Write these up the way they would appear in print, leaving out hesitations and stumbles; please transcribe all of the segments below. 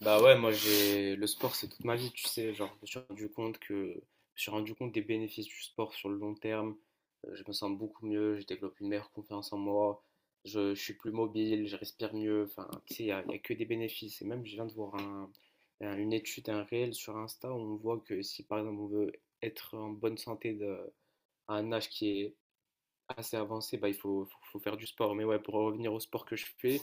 Bah ouais, moi j'ai le sport c'est toute ma vie, tu sais, genre je me suis rendu compte des bénéfices du sport sur le long terme. Je me sens beaucoup mieux, je développe une meilleure confiance en moi, je suis plus mobile, je respire mieux, enfin tu sais, y a que des bénéfices. Et même je viens de voir une étude, un réel sur Insta où on voit que si par exemple on veut être en bonne santé à un âge qui est assez avancé, bah il faut faire du sport. Mais ouais, pour revenir au sport que je fais,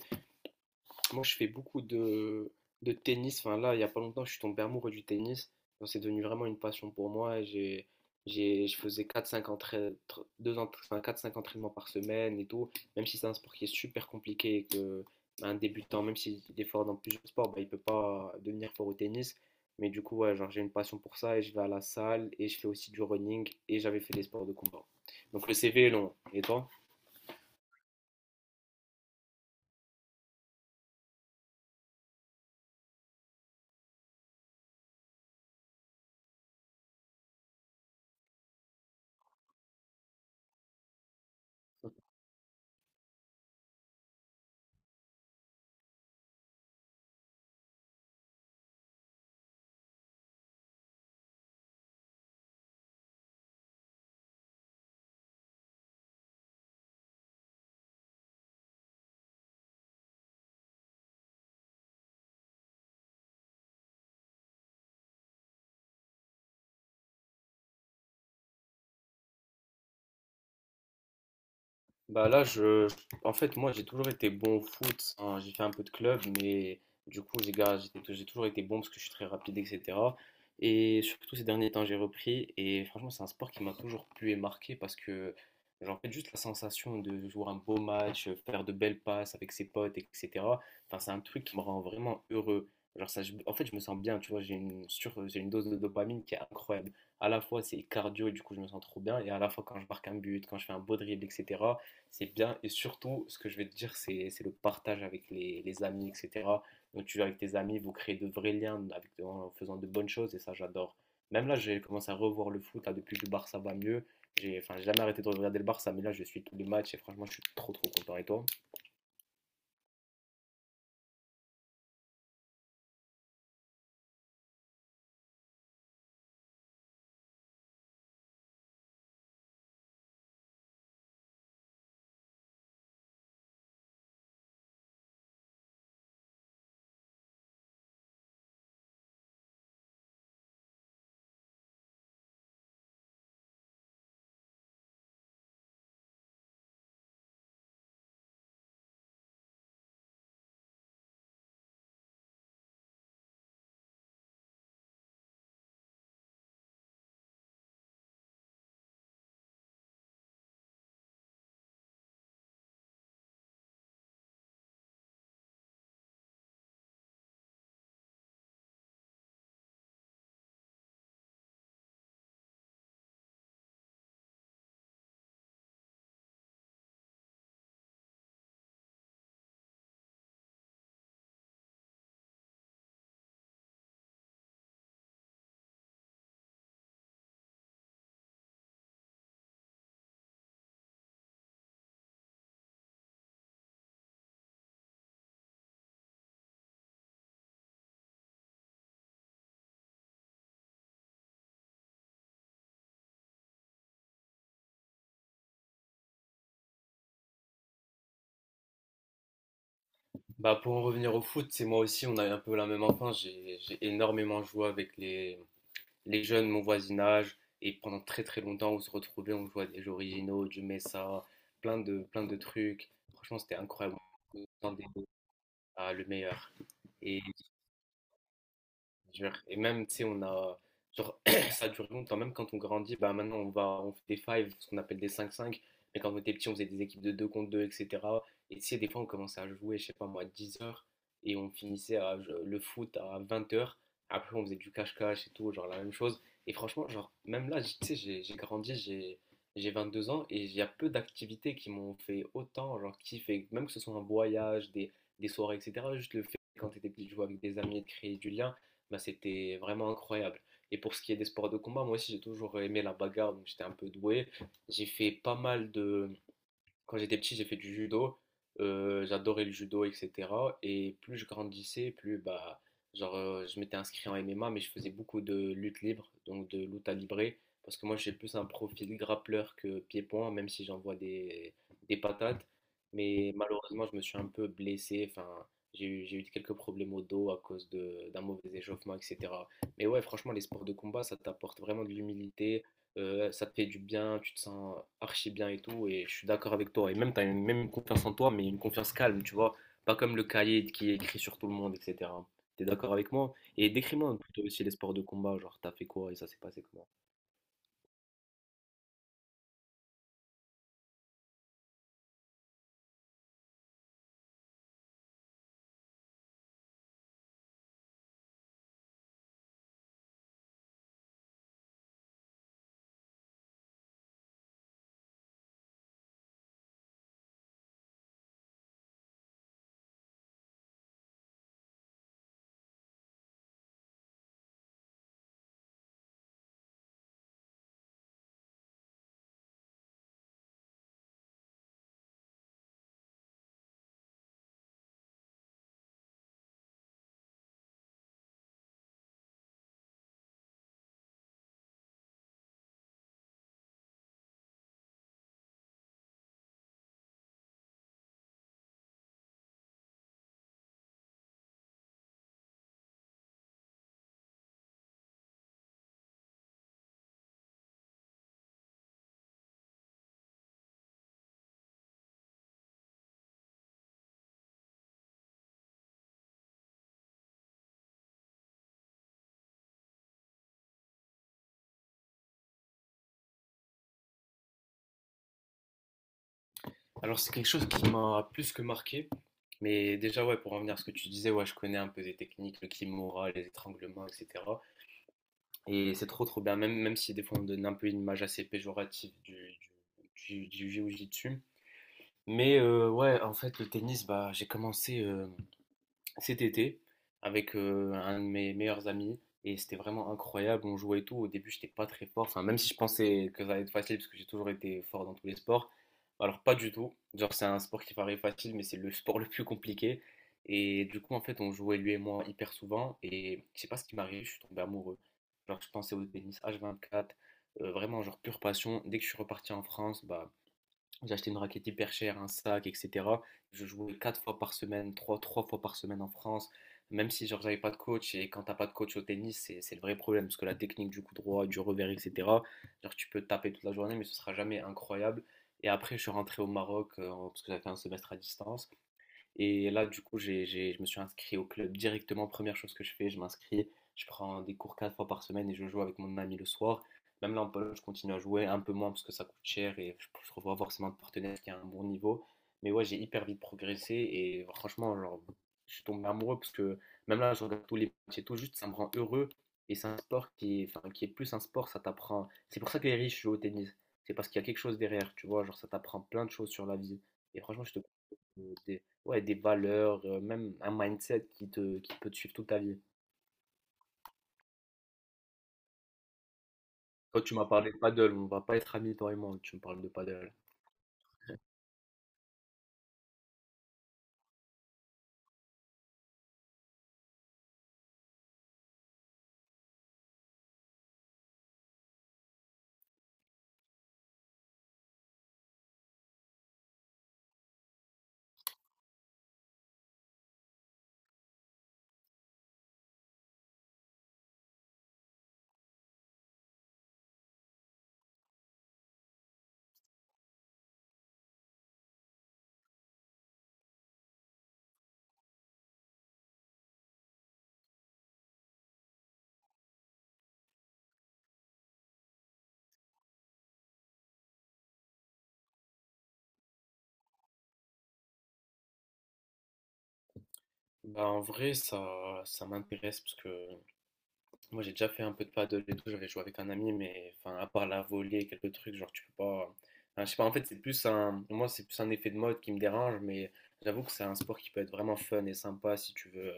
moi, je fais beaucoup de tennis. Enfin, là, il n'y a pas longtemps, je suis tombé amoureux du tennis. Donc, c'est devenu vraiment une passion pour moi. Et je faisais quatre, cinq entra- tr- deux entra- enfin, 4-5 entraînements par semaine et tout. Même si c'est un sport qui est super compliqué et que un débutant, même s'il est fort dans plusieurs sports, bah, il ne peut pas devenir fort au tennis. Mais du coup, ouais, genre, j'ai une passion pour ça et je vais à la salle et je fais aussi du running et j'avais fait des sports de combat. Donc, le CV est long. Et toi? Bah là, en fait, moi, j'ai toujours été bon au foot, hein. J'ai fait un peu de club, mais du coup, j'ai gar- j'ai toujours été bon parce que je suis très rapide, etc. Et surtout, ces derniers temps, j'ai repris. Et franchement, c'est un sport qui m'a toujours plu et marqué parce que, genre, en fait, juste la sensation de jouer un beau match, faire de belles passes avec ses potes, etc. Enfin, c'est un truc qui me rend vraiment heureux. Genre, ça, en fait, je me sens bien, tu vois. J'ai une dose de dopamine qui est incroyable. À la fois, c'est cardio et du coup, je me sens trop bien. Et à la fois, quand je marque un but, quand je fais un beau dribble, etc c'est bien. Et surtout, ce que je vais te dire, c'est le partage avec les amis, etc. Donc tu vas avec tes amis, vous créez de vrais liens avec, en faisant de bonnes choses, et ça j'adore. Même là, j'ai commencé à revoir le foot, là, depuis que le Barça va mieux. J'ai enfin, j'ai jamais arrêté de regarder le Barça, mais là, je suis tous les matchs et franchement, je suis trop trop content. Et toi? Bah pour en revenir au foot, c'est moi aussi, on a eu un peu la même enfance. J'ai énormément joué avec les jeunes, mon voisinage, et pendant très très longtemps, on se retrouvait, on jouait à des jeux originaux, du Messa, plein de trucs. Franchement, c'était incroyable. On se sentait, ah, le meilleur. Et Dur. Et même, tu sais, on a. Genre, ça dure longtemps, même quand on grandit, bah maintenant on fait des five ce qu'on appelle des cinq cinq mais quand on était petit, on faisait des équipes de 2 contre 2, etc. Et tu sais, des fois on commençait à jouer, je sais pas moi, à 10h, et on finissait le foot à 20h après on faisait du cache-cache et tout, genre la même chose. Et franchement, genre, même là, tu sais, j'ai grandi, j'ai 22 ans, et il y a peu d'activités qui m'ont fait autant, genre kiffer, même que ce soit un voyage, des soirées, etc. Juste le fait, quand t'étais petit, de jouer avec des amis et de créer du lien bah, c'était vraiment incroyable. Et pour ce qui est des sports de combat, moi aussi j'ai toujours aimé la bagarre, donc j'étais un peu doué. J'ai fait pas mal de, quand j'étais petit, j'ai fait du judo. J'adorais le judo, etc. Et plus je grandissais, plus bah, genre, je m'étais inscrit en MMA, mais je faisais beaucoup de lutte libre, donc de lutte à librer. Parce que moi, j'ai plus un profil grappleur que pied-point, même si j'envoie des patates. Mais malheureusement, je me suis un peu blessé. Enfin, j'ai eu quelques problèmes au dos à cause d'un mauvais échauffement, etc. Mais ouais, franchement, les sports de combat, ça t'apporte vraiment de l'humilité, ça te fait du bien, tu te sens archi bien et tout, et je suis d'accord avec toi. Et même, tu as une, même une confiance en toi, mais une confiance calme, tu vois, pas comme le cahier qui est écrit sur tout le monde, etc. T'es d'accord avec moi? Et décris-moi plutôt aussi les sports de combat, genre t'as fait quoi et ça s'est passé comment? Alors c'est quelque chose qui m'a plus que marqué, mais déjà ouais, pour revenir à ce que tu disais, ouais, je connais un peu des techniques, le kimura, les étranglements, etc. Et c'est trop trop bien, même, même si des fois on donne un peu une image assez péjorative du jiu-jitsu. Mais ouais, en fait, le tennis, bah, j'ai commencé cet été avec un de mes meilleurs amis et c'était vraiment incroyable. On jouait et tout. Au début, j'étais pas très fort. Enfin, même si je pensais que ça allait être facile parce que j'ai toujours été fort dans tous les sports, alors pas du tout. Genre, c'est un sport qui paraît facile, mais c'est le sport le plus compliqué. Et du coup, en fait, on jouait lui et moi hyper souvent et je sais pas ce qui m'arrive, je suis tombé amoureux. Genre, je pensais au tennis H24, vraiment, genre pure passion. Dès que je suis reparti en France, bah, j'ai acheté une raquette hyper chère, un sac, etc. Je jouais quatre fois par semaine, trois fois par semaine en France, même si genre j'avais pas de coach. Et quand t'as pas de coach au tennis, c'est le vrai problème, parce que la technique du coup droit, du revers, etc. Genre tu peux taper toute la journée, mais ce sera jamais incroyable. Et après, je suis rentré au Maroc, parce que j'avais fait un semestre à distance. Et là, du coup, je me suis inscrit au club directement. Première chose que je fais, je m'inscris. Je prends des cours quatre fois par semaine et je joue avec mon ami le soir. Même là, en Pologne, je continue à jouer un peu moins parce que ça coûte cher et je ne trouve pas forcément de partenaire qui a un bon niveau. Mais ouais, j'ai hyper vite progressé et franchement, genre, je suis tombé amoureux parce que même là, je regarde tous les matchs et tout, juste ça me rend heureux. Et c'est un sport qui est, enfin, qui est plus un sport, ça t'apprend. C'est pour ça que les riches jouent au tennis. C'est parce qu'il y a quelque chose derrière, tu vois, genre ça t'apprend plein de choses sur la vie. Et franchement, je te Ouais, des valeurs, même un mindset qui te qui peut te suivre toute ta vie. Toi, tu m'as parlé de paddle, on va pas être amis, toi et moi, tu me parles de paddle. Bah, en vrai, ça m'intéresse parce que moi j'ai déjà fait un peu de paddle et tout, j'avais joué avec un ami, mais enfin, à part la volée, quelques trucs, genre tu peux pas. Enfin, je sais pas, en fait, c'est plus un. Moi, c'est plus un effet de mode qui me dérange, mais j'avoue que c'est un sport qui peut être vraiment fun et sympa si tu veux.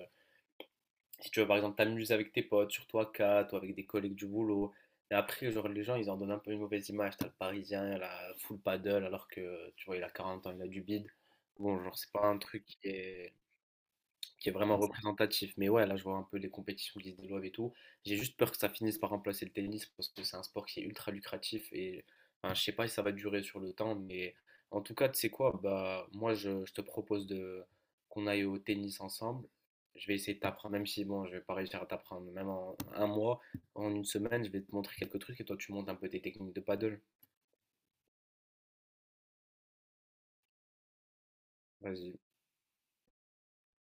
Si tu veux, par exemple, t'amuser avec tes potes, surtout à 4 ou avec des collègues du boulot. Et après, genre, les gens, ils en donnent un peu une mauvaise image. T'as le Parisien, la full paddle, alors que, tu vois, il a 40 ans, il a du bide. Bon, genre, c'est pas un truc qui est vraiment représentatif. Mais ouais, là, je vois un peu les compétitions qui se développent et tout. J'ai juste peur que ça finisse par remplacer le tennis parce que c'est un sport qui est ultra lucratif et enfin, je sais pas si ça va durer sur le temps, mais en tout cas, tu sais quoi, bah moi je te propose de qu'on aille au tennis ensemble. Je vais essayer de t'apprendre, même si bon, je vais pas réussir à t'apprendre, même en un mois, en une semaine, je vais te montrer quelques trucs et toi tu montes un peu tes techniques de paddle. Vas-y.